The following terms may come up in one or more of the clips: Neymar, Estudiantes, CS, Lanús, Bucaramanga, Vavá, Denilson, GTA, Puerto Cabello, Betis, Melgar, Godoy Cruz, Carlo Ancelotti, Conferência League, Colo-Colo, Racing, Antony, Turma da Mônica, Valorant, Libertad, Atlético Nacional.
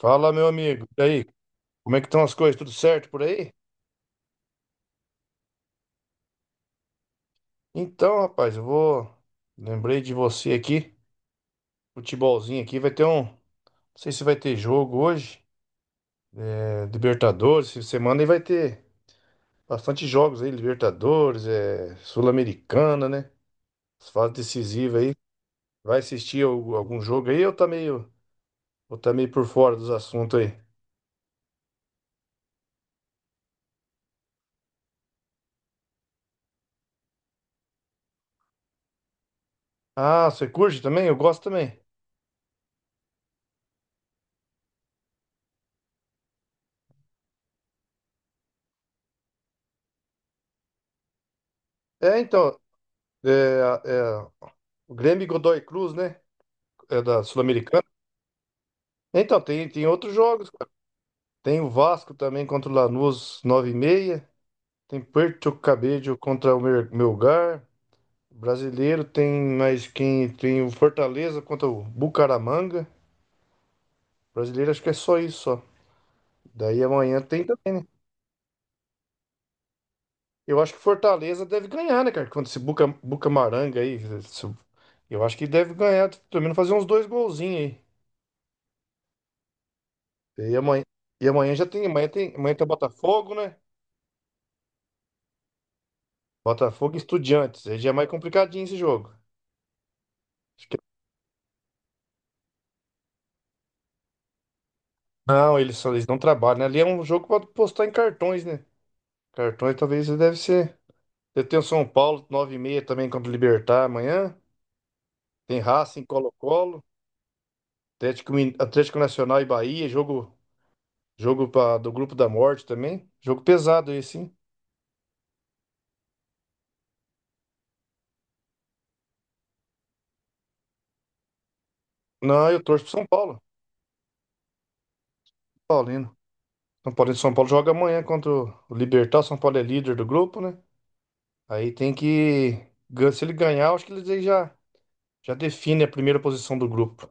Fala, meu amigo. E aí, como é que estão as coisas? Tudo certo por aí? Então, rapaz, eu vou. Lembrei de você aqui. Futebolzinho aqui vai ter um. Não sei se vai ter jogo hoje. É, Libertadores, essa semana e vai ter bastante jogos aí. Libertadores, é, Sul-Americana, né? As fases decisivas aí. Vai assistir algum jogo aí, eu tá meio por fora dos assuntos aí? Ah, você curte também? Eu gosto também. É, então. É, é, o Grêmio e Godoy Cruz, né? É da Sul-Americana. Então, tem outros jogos, cara. Tem o Vasco também contra o Lanús, 9:30. Tem Puerto Cabello contra o Melgar. Brasileiro tem mais quem? Tem o Fortaleza contra o Bucaramanga. Brasileiro acho que é só isso, só. Daí amanhã tem também, né? Eu acho que Fortaleza deve ganhar, né, cara? Contra esse Bucamaranga aí, eu acho que deve ganhar, pelo menos fazer uns dois golzinhos aí. E amanhã já tem, amanhã tem, amanhã tem Botafogo, né? Botafogo e Estudiantes. Aí já é mais complicadinho esse jogo. Não, eles, eles não trabalham, né? Ali é um jogo para postar em cartões, né? Cartões talvez deve ser. Eu tenho São Paulo, 9:30 também contra o Libertad amanhã. Tem Racing, Colo-Colo, Atlético, Atlético Nacional e Bahia, jogo pra, do Grupo da Morte também. Jogo pesado esse, hein? Não, eu torço pro São Paulo. Paulino. São Paulino, São Paulo joga amanhã contra o Libertad. São Paulo é líder do grupo, né? Aí tem que... se ele ganhar, eu acho que ele já, já define a primeira posição do grupo.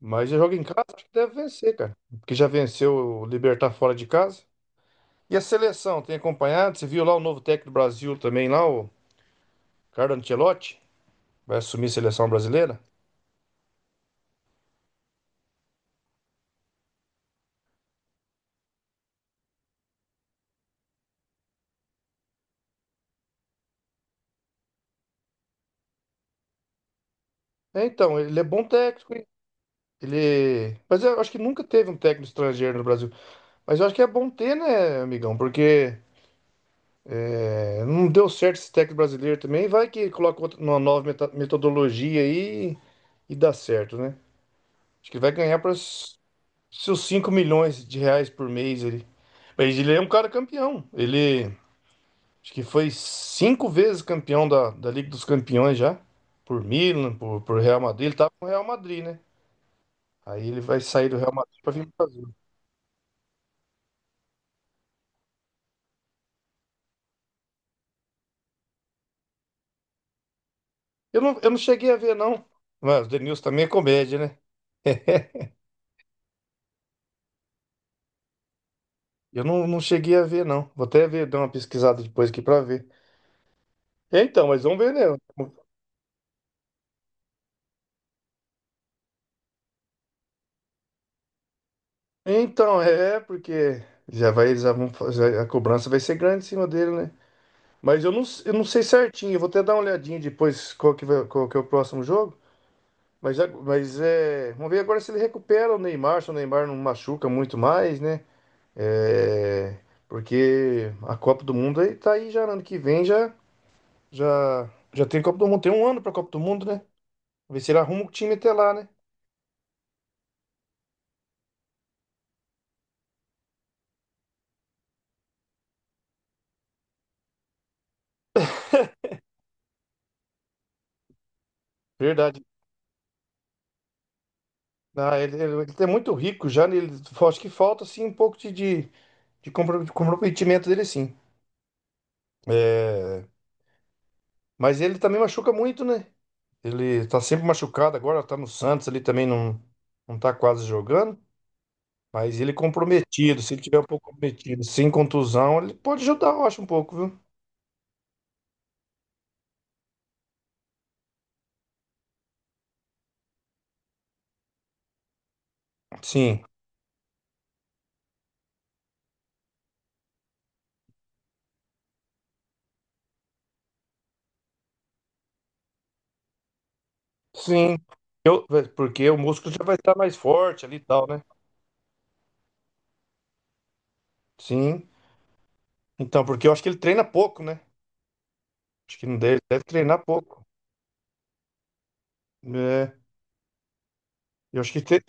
Mas já joga em casa, acho que deve vencer, cara. Porque já venceu o Libertad fora de casa. E a seleção, tem acompanhado? Você viu lá o novo técnico do Brasil também, lá, o Carlo Ancelotti? Vai assumir a seleção brasileira? É, então, ele é bom técnico, hein? Ele... Mas eu acho que nunca teve um técnico estrangeiro no Brasil. Mas eu acho que é bom ter, né, amigão? Porque é, não deu certo esse técnico brasileiro também. Vai que coloca uma nova metodologia aí e dá certo, né? Acho que vai ganhar para seus 5 milhões de reais por mês, ele. Mas ele é um cara campeão. Ele acho que foi cinco vezes campeão da, da Liga dos Campeões já. Por Milan, por Real Madrid. Ele tava com o Real Madrid, né? Aí ele vai sair do Real Madrid pra vir pro Brasil. Eu não cheguei a ver, não. Mas o Denilson também é comédia, né? Eu não, não cheguei a ver, não. Vou até ver, dar uma pesquisada depois aqui pra ver. É, então, mas vamos ver, né? Então, é, porque já vai, já vão, a cobrança vai ser grande em cima dele, né? Eu não sei certinho. Eu vou até dar uma olhadinha depois qual que, qual que é o próximo jogo. Mas, mas é... Vamos ver agora se ele recupera o Neymar, se o Neymar não machuca muito mais, né? É, porque a Copa do Mundo aí tá aí já ano que vem, já, já tem Copa do Mundo. Tem um ano pra Copa do Mundo, né? Ver se ele arruma o time até lá, né? Verdade. Ah, ele é muito rico já, né? Ele, acho que falta assim um pouco de, de comprometimento dele, sim. É, mas ele também machuca muito, né? Ele tá sempre machucado agora, tá no Santos ali também, não, não tá quase jogando. Mas ele comprometido, se ele tiver um pouco comprometido, sem contusão, ele pode ajudar, eu acho, um pouco, viu? Sim, sim. Eu, porque o músculo já vai estar mais forte ali e tal, né? Sim. Então, porque eu acho que ele treina pouco, né? Acho que não deve, deve treinar pouco. É, eu acho que tem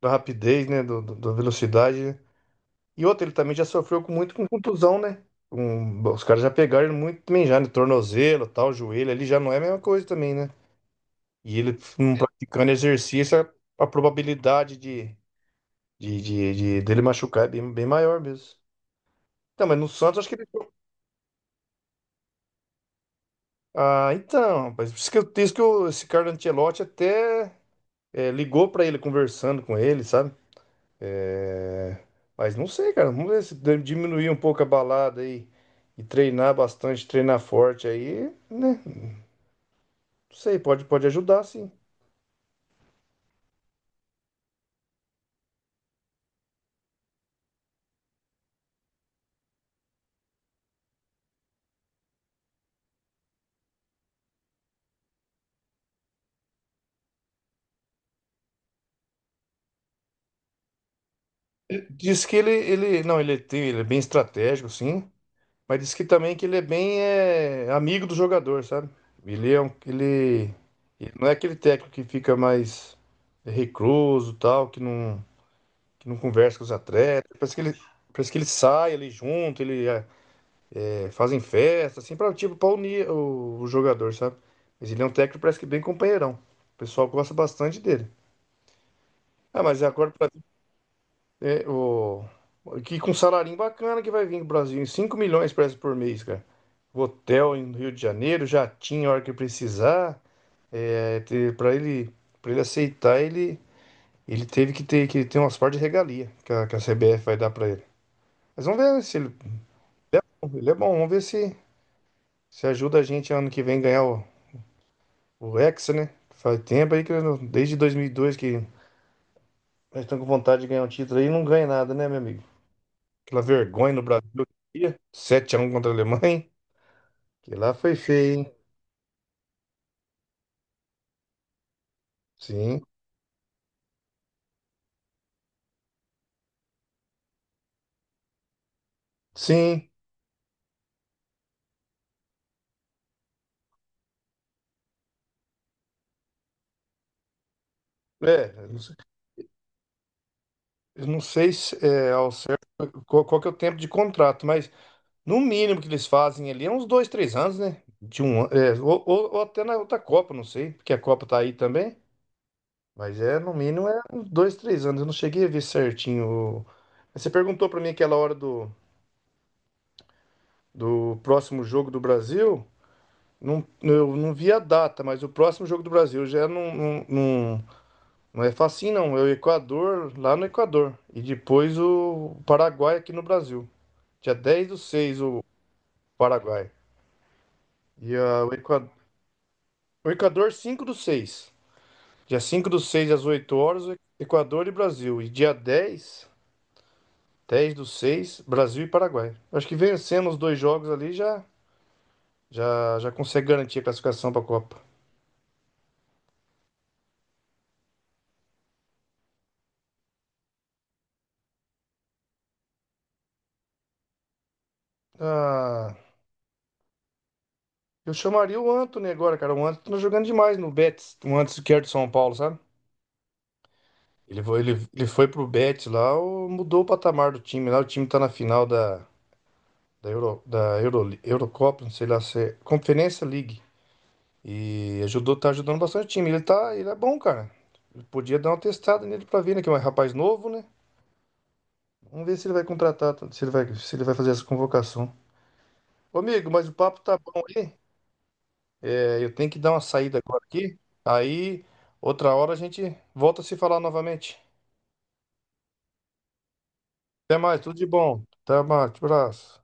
da rapidez, né? Da velocidade, né? E outro, ele também já sofreu muito com contusão, né? Os caras já pegaram ele muito também, já no tornozelo, tal, joelho, ali já não é a mesma coisa também, né? E ele não praticando exercício, a probabilidade de dele machucar é bem, bem maior mesmo. Então, mas no Santos, acho que ele... Ah, então, rapaz, por isso que eu disse que esse Carlo Ancelotti até ligou pra ele conversando com ele, sabe? É, mas não sei, cara. Vamos ver se diminuir um pouco a balada aí e treinar bastante, treinar forte aí, né? Não sei, pode, pode ajudar, sim. Diz que ele, não, ele, tem- ele é bem estratégico, sim. Mas diz que também que ele é bem é, amigo do jogador, sabe? Ele, ele não é aquele técnico que fica mais recluso, tal, que não conversa com os atletas. Parece que ele sai ali junto, ele é... Fazem festa, assim, pra, tipo, pra unir o jogador, sabe? Mas ele é um técnico, parece que bem companheirão. O pessoal gosta bastante dele. Ah, mas agora pra, é, o, que com um salarinho bacana que vai vir pro Brasil, em 5 milhões parece por mês, cara. Hotel em Rio de Janeiro, jatinho a hora que precisar. É, pra ele aceitar, ele teve que ter umas partes de regalia que a CBF vai dar pra ele. Mas vamos ver se ele, ele é bom, vamos ver se, se ajuda a gente ano que vem ganhar o Hexa, né? Faz tempo aí que eu desde 2002 que nós estamos com vontade de ganhar um título aí e não ganha nada, né, meu amigo? Aquela vergonha no Brasil. Sete x 1 contra a Alemanha. Que lá foi feio, hein? Sim. Sim. É, eu não sei se, é, ao certo, qual, qual que é o tempo de contrato, mas no mínimo que eles fazem ali é uns dois, três anos, né? De um, ano, é, ou, ou até na outra Copa, não sei, porque a Copa tá aí também. Mas é, no mínimo, é uns dois, três anos. Eu não cheguei a ver certinho, o-. Você perguntou pra mim aquela hora do, do próximo jogo do Brasil. Não, eu não vi a data, mas o próximo jogo do Brasil já não é facinho, não. É o Equador, lá no Equador. E depois o Paraguai aqui no Brasil. Dia 10/06, o Paraguai. E ah, o Equador 05/06. Dia 05/06 às 8 horas, o Equador e Brasil. E dia dez, 10 do seis, Brasil e Paraguai. Acho que vencendo os dois jogos ali já, já consegue garantir a classificação para a Copa. Ah, eu chamaria o Antony agora, cara. O Antony tá jogando demais no Betis. O Antony que era de São Paulo, sabe? Ele foi pro Betis lá, mudou o patamar do time. Lá o time tá na final da, da, Euro, Eurocopa, não sei lá se é, Conferência League. E ajudou, tá ajudando bastante o time. Ele tá, ele é bom, cara. Ele podia dar uma testada nele pra ver, né? Que é um rapaz novo, né? Vamos ver se ele vai contratar, se ele vai fazer essa convocação. Ô, amigo, mas o papo tá bom aí. É, eu tenho que dar uma saída agora aqui. Aí, outra hora a gente volta a se falar novamente. Até mais, tudo de bom. Até mais, abraço.